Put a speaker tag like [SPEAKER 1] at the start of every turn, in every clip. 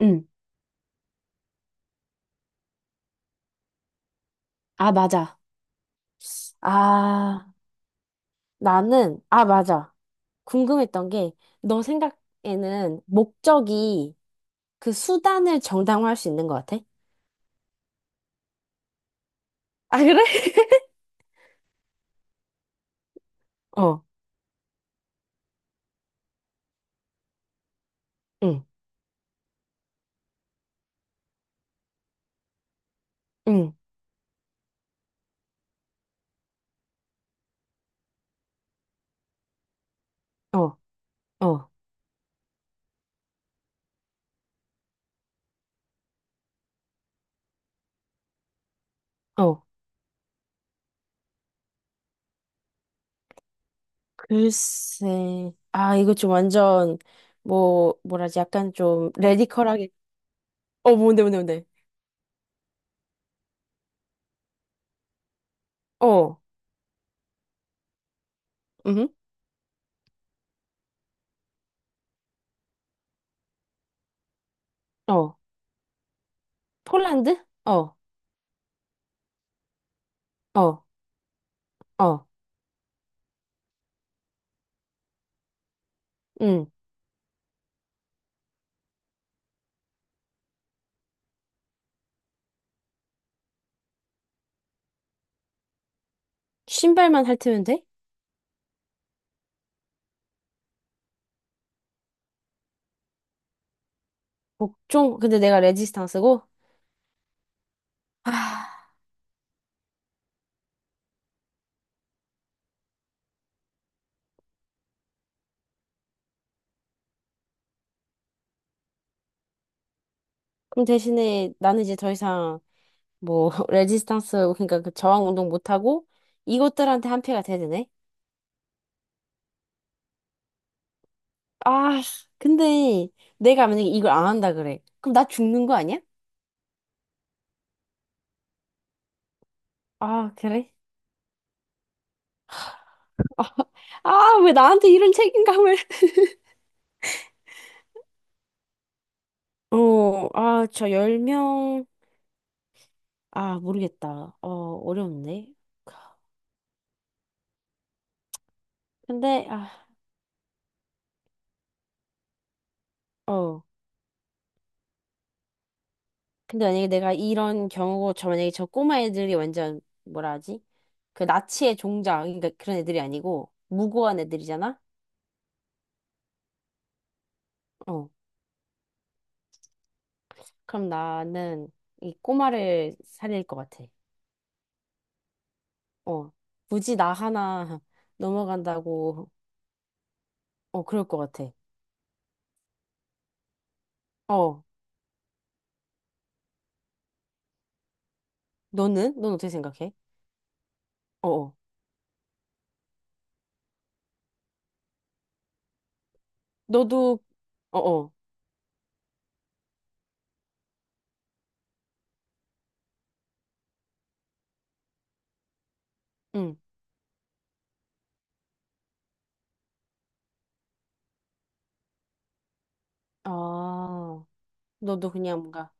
[SPEAKER 1] 응. 아, 맞아. 아, 나는, 아, 맞아. 궁금했던 게, 너 생각에는 목적이 그 수단을 정당화할 수 있는 것 같아? 아, 그래? 어, 응, 응, 어, 어, 어. 글쎄, 아, 이거 좀 완전, 뭐라지, 약간 좀, 레디컬하게. 어, 뭔데. 어, 응, 어. 폴란드? 어, 어, 어, 응. 신발만 핥으면 돼? 복종? 근데 내가 레지스탕스고? 아. 그럼 대신에 나는 이제 더 이상 뭐 레지스탕스 그러니까 그 저항 운동 못 하고 이것들한테 한 패가 돼야 되네. 아, 근데 내가 만약에 이걸 안 한다 그래. 그럼 나 죽는 거 아니야? 아, 그래? 아, 왜 나한테 이런 책임감을? 어, 아, 저 10명. 아, 모르겠다. 어, 어려운데. 근데 아, 어. 근데 만약에 내가 이런 경우고 저 만약에 저 꼬마 애들이 완전 뭐라 하지? 그 나치의 종자 그러니까 그런 애들이 아니고 무고한 애들이잖아. 어, 그럼 나는 이 꼬마를 살릴 것 같아. 어, 굳이 나 하나 넘어간다고, 어, 그럴 것 같아. 어, 너는? 넌 어떻게 생각해? 어, 어. 너도, 어, 어, 응. 아, 너도 그냥 뭔가,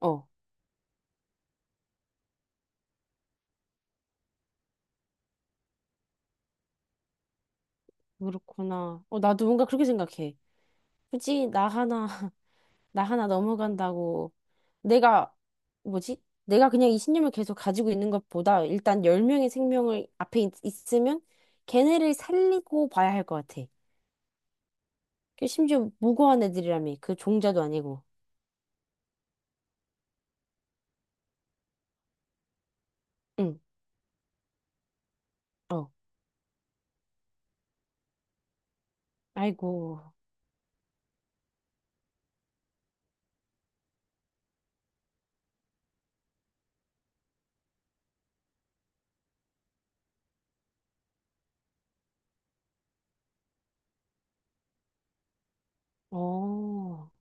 [SPEAKER 1] 어, 그렇구나. 어, 나도 뭔가 그렇게 생각해. 굳이 나 하나 넘어간다고 내가 뭐지? 내가 그냥 이 신념을 계속 가지고 있는 것보다 일단 10명의 생명을 앞에 있으면 걔네를 살리고 봐야 할 것 같아. 그 심지어 무고한 애들이라며. 그 종자도 아니고. 응. 어. 아이고. 어.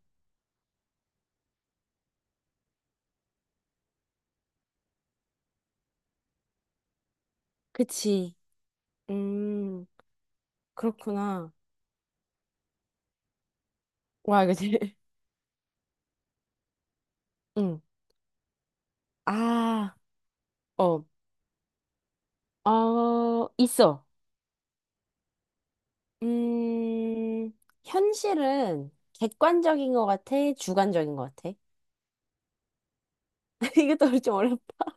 [SPEAKER 1] 그치. 음. 그렇구나. 와, 이거 되게. 응. 아. 어. 어. 있어. 음, 현실은 객관적인 것 같아? 주관적인 것 같아? 이것도 좀 어렵다.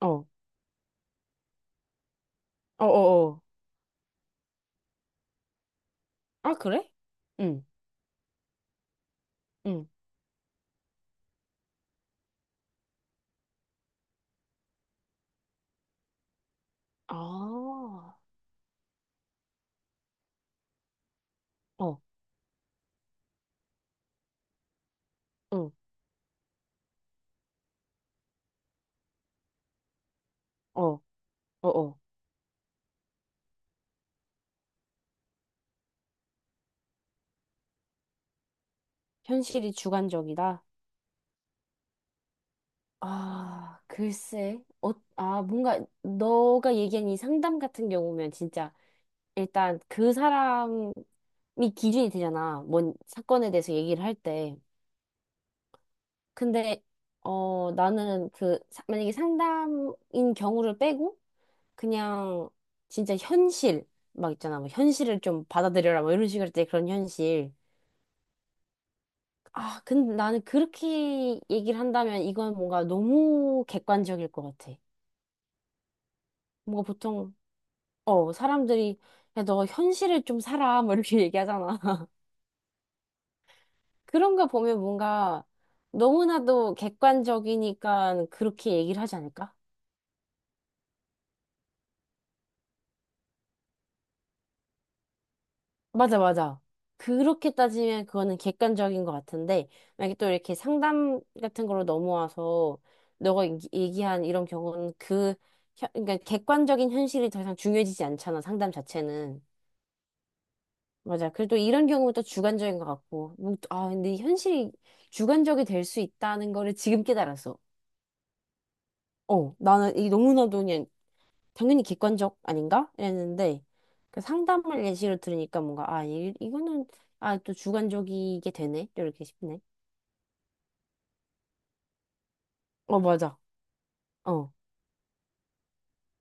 [SPEAKER 1] 어, 어, 어, 어. 아, 그래? 응, 응. 아, 어, 응, 어, 어, 어. 현실이 주관적이다? 아, 글쎄. 어, 아, 뭔가 너가 얘기한 이 상담 같은 경우면 진짜 일단 그 사람이 기준이 되잖아. 뭔 사건에 대해서 얘기를 할 때. 근데 어 나는 그 사- 만약에 상담인 경우를 빼고 그냥 진짜 현실 막 있잖아 뭐 현실을 좀 받아들여라 뭐 이런 식으로 때 그런 현실, 아 근데 나는 그렇게 얘기를 한다면 이건 뭔가 너무 객관적일 것 같아. 뭔가 보통 어 사람들이 야 너 현실을 좀 살아 뭐 이렇게 얘기하잖아. 그런 거 보면 뭔가 너무나도 객관적이니까 그렇게 얘기를 하지 않을까? 맞아, 맞아. 그렇게 따지면 그거는 객관적인 것 같은데, 만약에 또 이렇게 상담 같은 걸로 넘어와서, 너가 얘기한 이런 경우는 그, 혀- 그러니까 객관적인 현실이 더 이상 중요해지지 않잖아, 상담 자체는. 맞아. 그리고 또 이런 경우는 또 주관적인 것 같고, 뭐, 아, 근데 현실이 주관적이 될 수 있다는 거를 지금 깨달았어. 어, 나는 이 너무나도 그냥 당연히 객관적 아닌가? 이랬는데 그 상담을 예시로 들으니까 뭔가 아 이거는 아 또 주관적이게 되네 이렇게 싶네. 어 맞아. 어.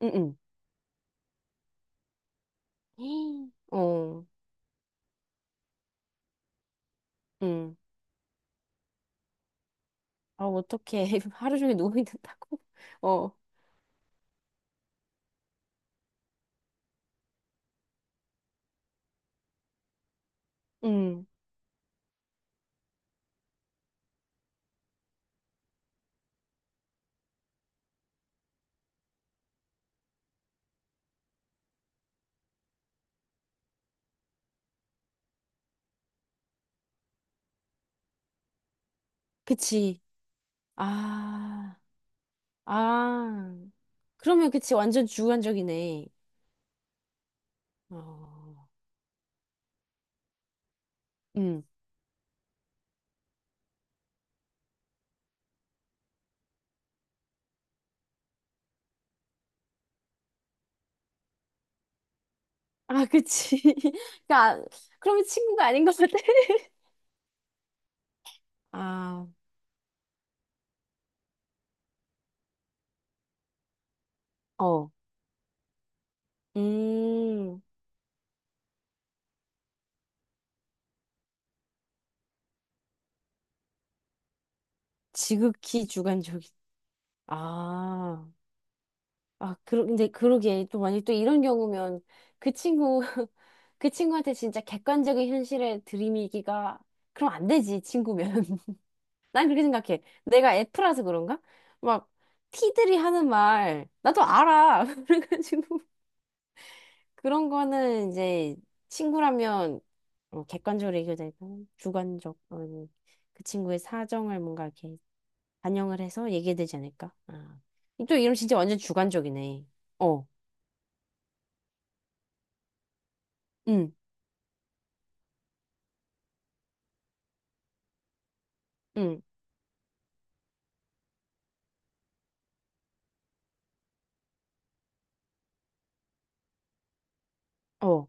[SPEAKER 1] 응응. 어. 응. 아 어떻게 하루 종일 누워 있는다고? 어. 응. 그치. 아. 아. 그러면 그치 완전 주관적이네. 어. 응. 아 그치. 그러니까 그러면 친구가 아닌 것 같아. 아. 어. 음. 지극히 주관적이. 아, 근데 그러게. 또 만약 또 이런 경우면 그 친구, 그 친구한테 진짜 객관적인 현실에 들이미기가, 그럼 안 되지, 친구면. 난 그렇게 생각해. 내가 F라서 그런가? 막, T들이 하는 말, 나도 알아. 그래가지고, 그런 거는 이제 친구라면 어, 객관적으로 얘기해야 되고, 주관적, 어, 그 친구의 사정을 뭔가 이렇게 반영을 해서 얘기해야 되지 않을까? 아. 또 이런 진짜 완전 주관적이네. 어, 응, 응, 어,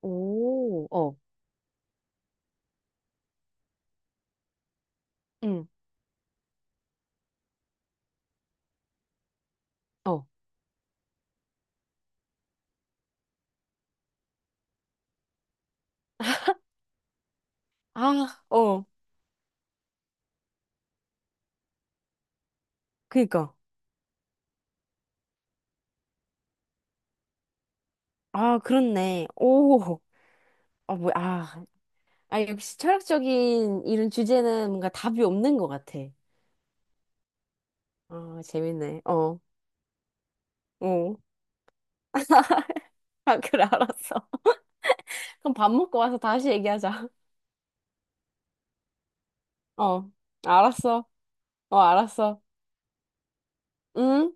[SPEAKER 1] 오, 어, 응, 어. 아, 어, 그니까. 아, 그렇네. 오, 아, 뭐야, 아. 아, 역시 철학적인 이런 주제는 뭔가 답이 없는 것 같아. 아, 재밌네. 어, 어. 아, 그래, 알았어. 그럼 밥 먹고 와서 다시 얘기하자. 어, 알았어. 어, 알았어. 응?